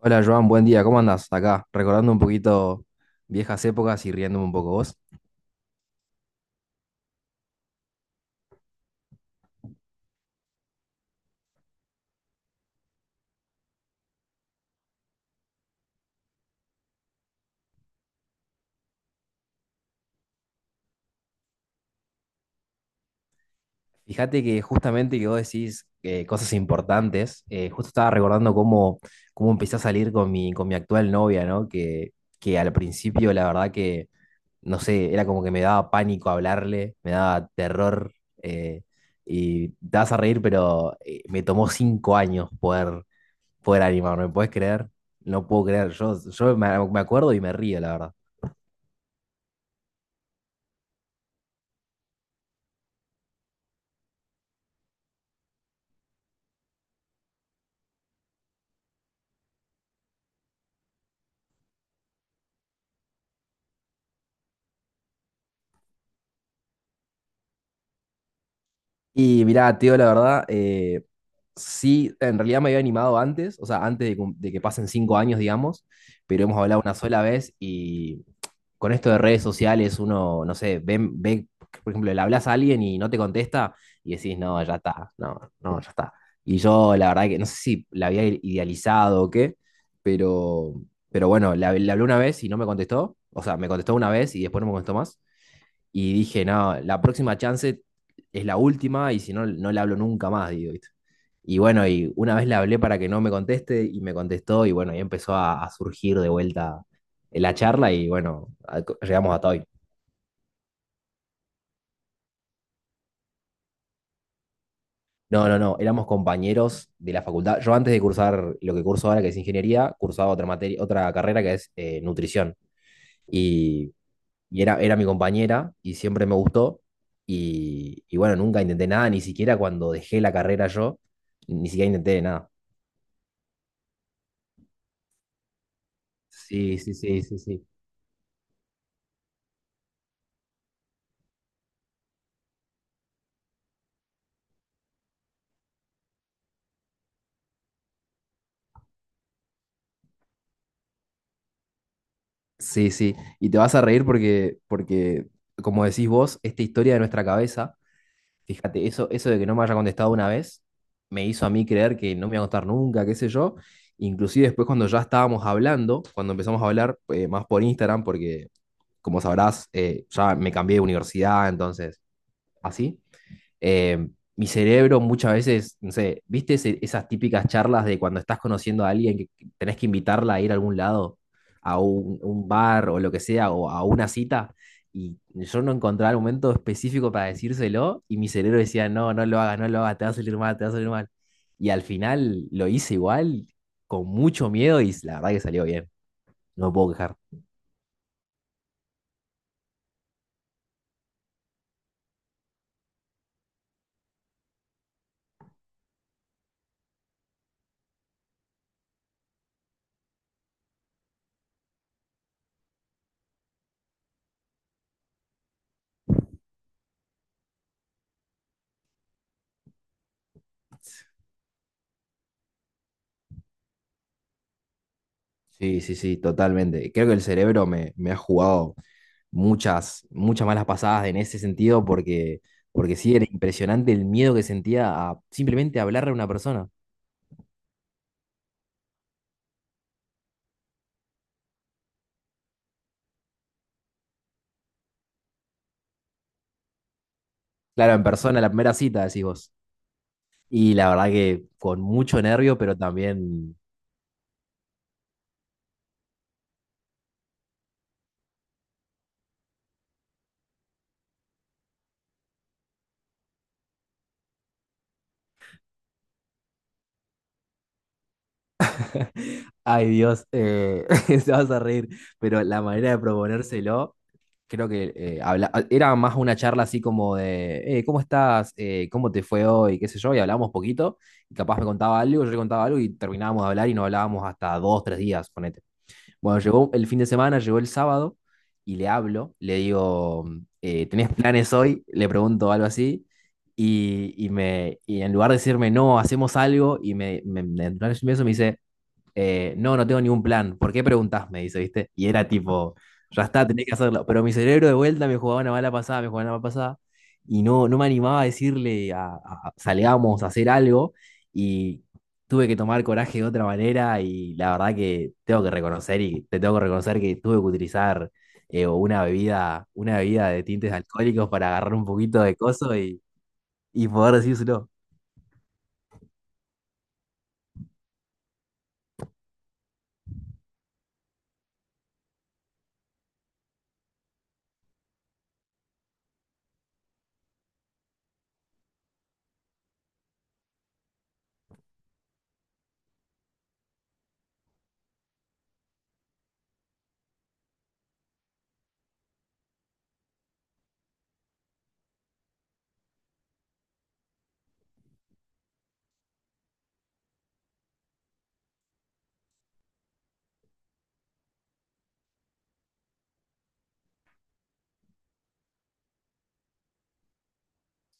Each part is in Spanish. Hola Joan, buen día, ¿cómo andas? Acá, recordando un poquito viejas épocas y riéndome un poco vos. Fíjate que justamente que vos decís cosas importantes. Justo estaba recordando cómo empecé a salir con mi actual novia, ¿no? Que al principio, la verdad que, no sé, era como que me daba pánico hablarle, me daba terror. Eh, y te vas a reír, pero me tomó 5 años poder, animarme. ¿Puedes creer? No puedo creer, yo me acuerdo y me río, la verdad. Y mirá, tío, la verdad, sí, en realidad me había animado antes, o sea, antes de que pasen 5 años, digamos, pero hemos hablado una sola vez y, con esto de redes sociales, uno, no sé, ve, por ejemplo, le hablas a alguien y no te contesta y decís, no, ya está, no, no, ya está. Y yo, la verdad que no sé si la había idealizado o qué, pero, pero bueno, le hablé una vez y no me contestó. O sea, me contestó una vez y después no me contestó más. Y dije, no, la próxima chance es la última y, si no, no le hablo nunca más, digo, ¿viste? Y bueno, y una vez le hablé para que no me conteste y me contestó y, bueno, y empezó a surgir de vuelta la charla y, bueno, llegamos hasta hoy. No, no, no, éramos compañeros de la facultad. Yo, antes de cursar lo que curso ahora, que es ingeniería, cursaba otra materia, otra carrera que es nutrición. Y y era mi compañera y siempre me gustó. Y bueno, nunca intenté nada, ni siquiera cuando dejé la carrera yo. Ni siquiera intenté nada. Sí, sí, sí, sí, sí. Sí, sí. Y te vas a reír porque, como decís vos, esta historia de nuestra cabeza, fíjate, eso de que no me haya contestado una vez, me hizo a mí creer que no me iba a contestar nunca, qué sé yo. Inclusive después, cuando ya estábamos hablando, cuando empezamos a hablar más por Instagram, porque, como sabrás, ya me cambié de universidad, entonces, así. Eh, mi cerebro, muchas veces, no sé, ¿viste esas típicas charlas de cuando estás conociendo a alguien que tenés que invitarla a ir a algún lado, a un bar o lo que sea, o a una cita? Y yo no encontraba el momento específico para decírselo, y mi cerebro decía, no, no lo hagas, no lo hagas, te va a salir mal, te va a salir mal. Y al final lo hice igual, con mucho miedo, y la verdad que salió bien, no me puedo quejar. Sí, sí, sí, totalmente. Creo que el cerebro me ha jugado muchas, muchas malas pasadas en ese sentido, porque sí era impresionante el miedo que sentía a simplemente hablarle a una persona. Claro, en persona, la primera cita, decís vos. Y la verdad que con mucho nervio, pero también, ay Dios, se vas a reír, pero la manera de proponérselo, creo que era más una charla así como de, ¿Cómo estás? ¿Cómo te fue hoy? ¿Qué sé yo?" Y hablábamos poquito, y capaz me contaba algo, yo le contaba algo, y terminábamos de hablar y no hablábamos hasta 2, 3 días, ponete. Bueno, llegó el fin de semana, llegó el sábado, y le hablo, le digo, ¿tenés planes hoy? Le pregunto algo así y, y en lugar de decirme, no, hacemos algo, en plan de eso me dice, no, no tengo ningún plan, ¿por qué preguntás? Me dice, ¿viste? Y era tipo, ya está, tenés que hacerlo. Pero mi cerebro, de vuelta, me jugaba una mala pasada, me jugaba una mala pasada, y no, no me animaba a decirle, salgamos a hacer algo. Y tuve que tomar coraje de otra manera, y la verdad que tengo que reconocer, y te tengo que reconocer que tuve que utilizar una bebida de tintes alcohólicos, para agarrar un poquito de coso, y poder decírselo.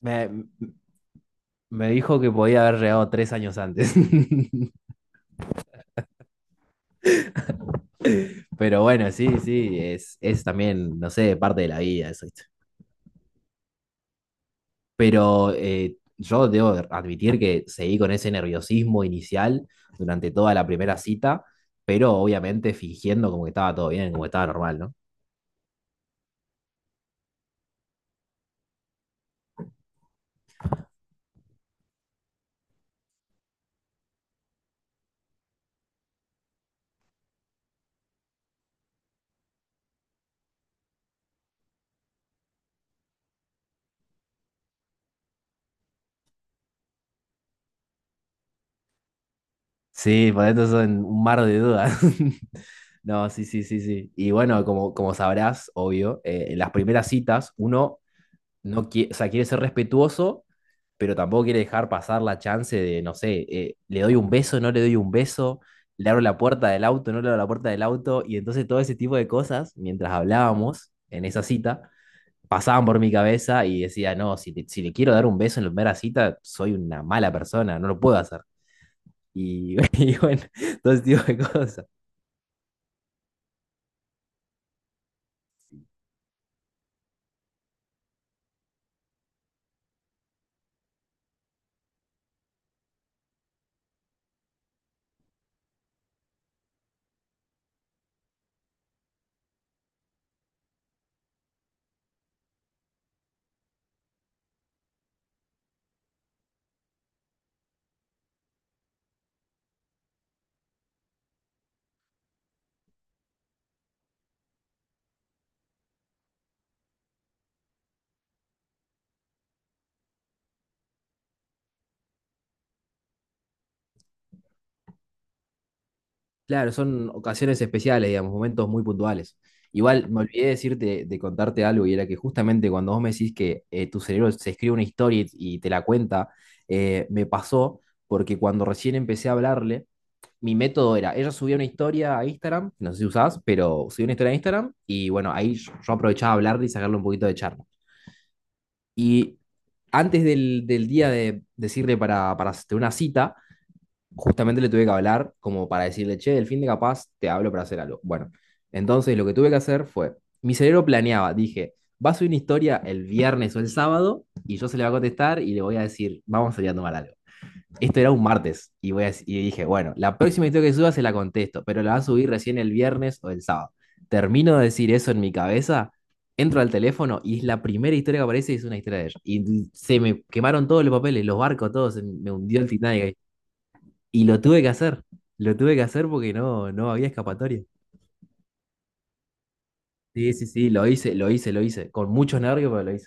Me, me dijo que podía haber llegado 3 años antes. Pero bueno, sí, sí, es también, no sé, parte de la vida eso, ¿viste? Pero yo debo admitir que seguí con ese nerviosismo inicial durante toda la primera cita, pero obviamente fingiendo como que estaba todo bien, como que estaba normal, ¿no? Sí, por eso son un mar de dudas. No, sí, sí, sí, sí. Y bueno, como sabrás, obvio, en las primeras citas, uno no quiere, o sea, quiere ser respetuoso, pero tampoco quiere dejar pasar la chance de, no sé, le doy un beso, no le doy un beso, le abro la puerta del auto, no le abro la puerta del auto. Y entonces, todo ese tipo de cosas, mientras hablábamos en esa cita, pasaban por mi cabeza, y decía, no, si, si le quiero dar un beso en la primera cita, soy una mala persona, no lo puedo hacer. Y, y bueno, todo ese tipo de cosas. Claro, son ocasiones especiales, digamos, momentos muy puntuales. Igual me olvidé decirte, de contarte algo, y era que justamente cuando vos me decís que tu cerebro se escribe una historia y te la cuenta, me pasó porque, cuando recién empecé a hablarle, mi método era: ella subía una historia a Instagram, no sé si usás, pero subía una historia a Instagram, y bueno, ahí yo aprovechaba hablarle y sacarle un poquito de charla. Y antes del día de decirle para hacer una cita, justamente le tuve que hablar como para decirle, che, el fin de capaz te hablo para hacer algo. Bueno, entonces lo que tuve que hacer fue, mi cerebro planeaba, dije, va a subir una historia el viernes o el sábado, y yo se le voy a contestar y le voy a decir, vamos a salir a tomar algo. Esto era un martes y, y dije, bueno, la próxima historia que suba se la contesto, pero la va a subir recién el viernes o el sábado. Termino de decir eso en mi cabeza, entro al teléfono y es la primera historia que aparece, y es una historia de ella. Y se me quemaron todos los papeles, los barcos, todos. Me hundió el Titanic ahí. Y lo tuve que hacer, lo tuve que hacer porque no, no había escapatoria. Sí, sí, sí, lo hice, lo hice, lo hice. Con muchos nervios, pero lo hice.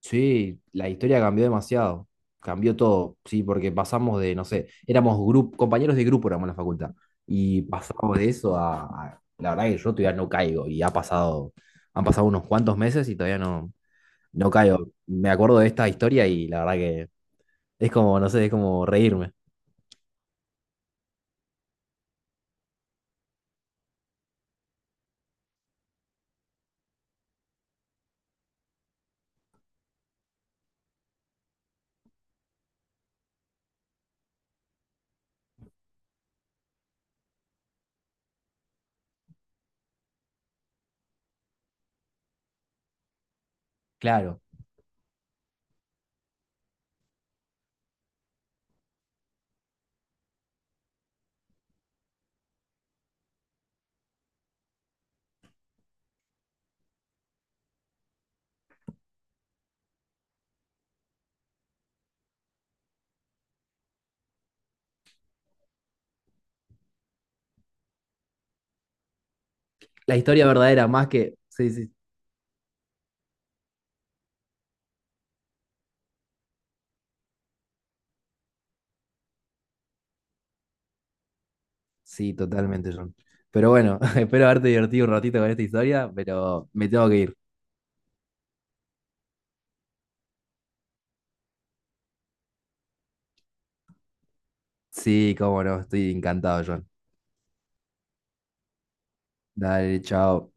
Sí, la historia cambió demasiado. Cambió todo, sí, porque pasamos de, no sé, éramos compañeros de grupo, éramos en la facultad. Y pasamos de eso la verdad que yo todavía no caigo. Y ha pasado, han pasado unos cuantos meses, y todavía no, no caigo. Me acuerdo de esta historia y la verdad que es como, no sé, es como reírme. Claro. La historia verdadera, más que. Sí, sí, sí, totalmente, John. Pero bueno, espero haberte divertido un ratito con esta historia, pero me tengo que ir. Sí, cómo no, estoy encantado, John. Dale, chao.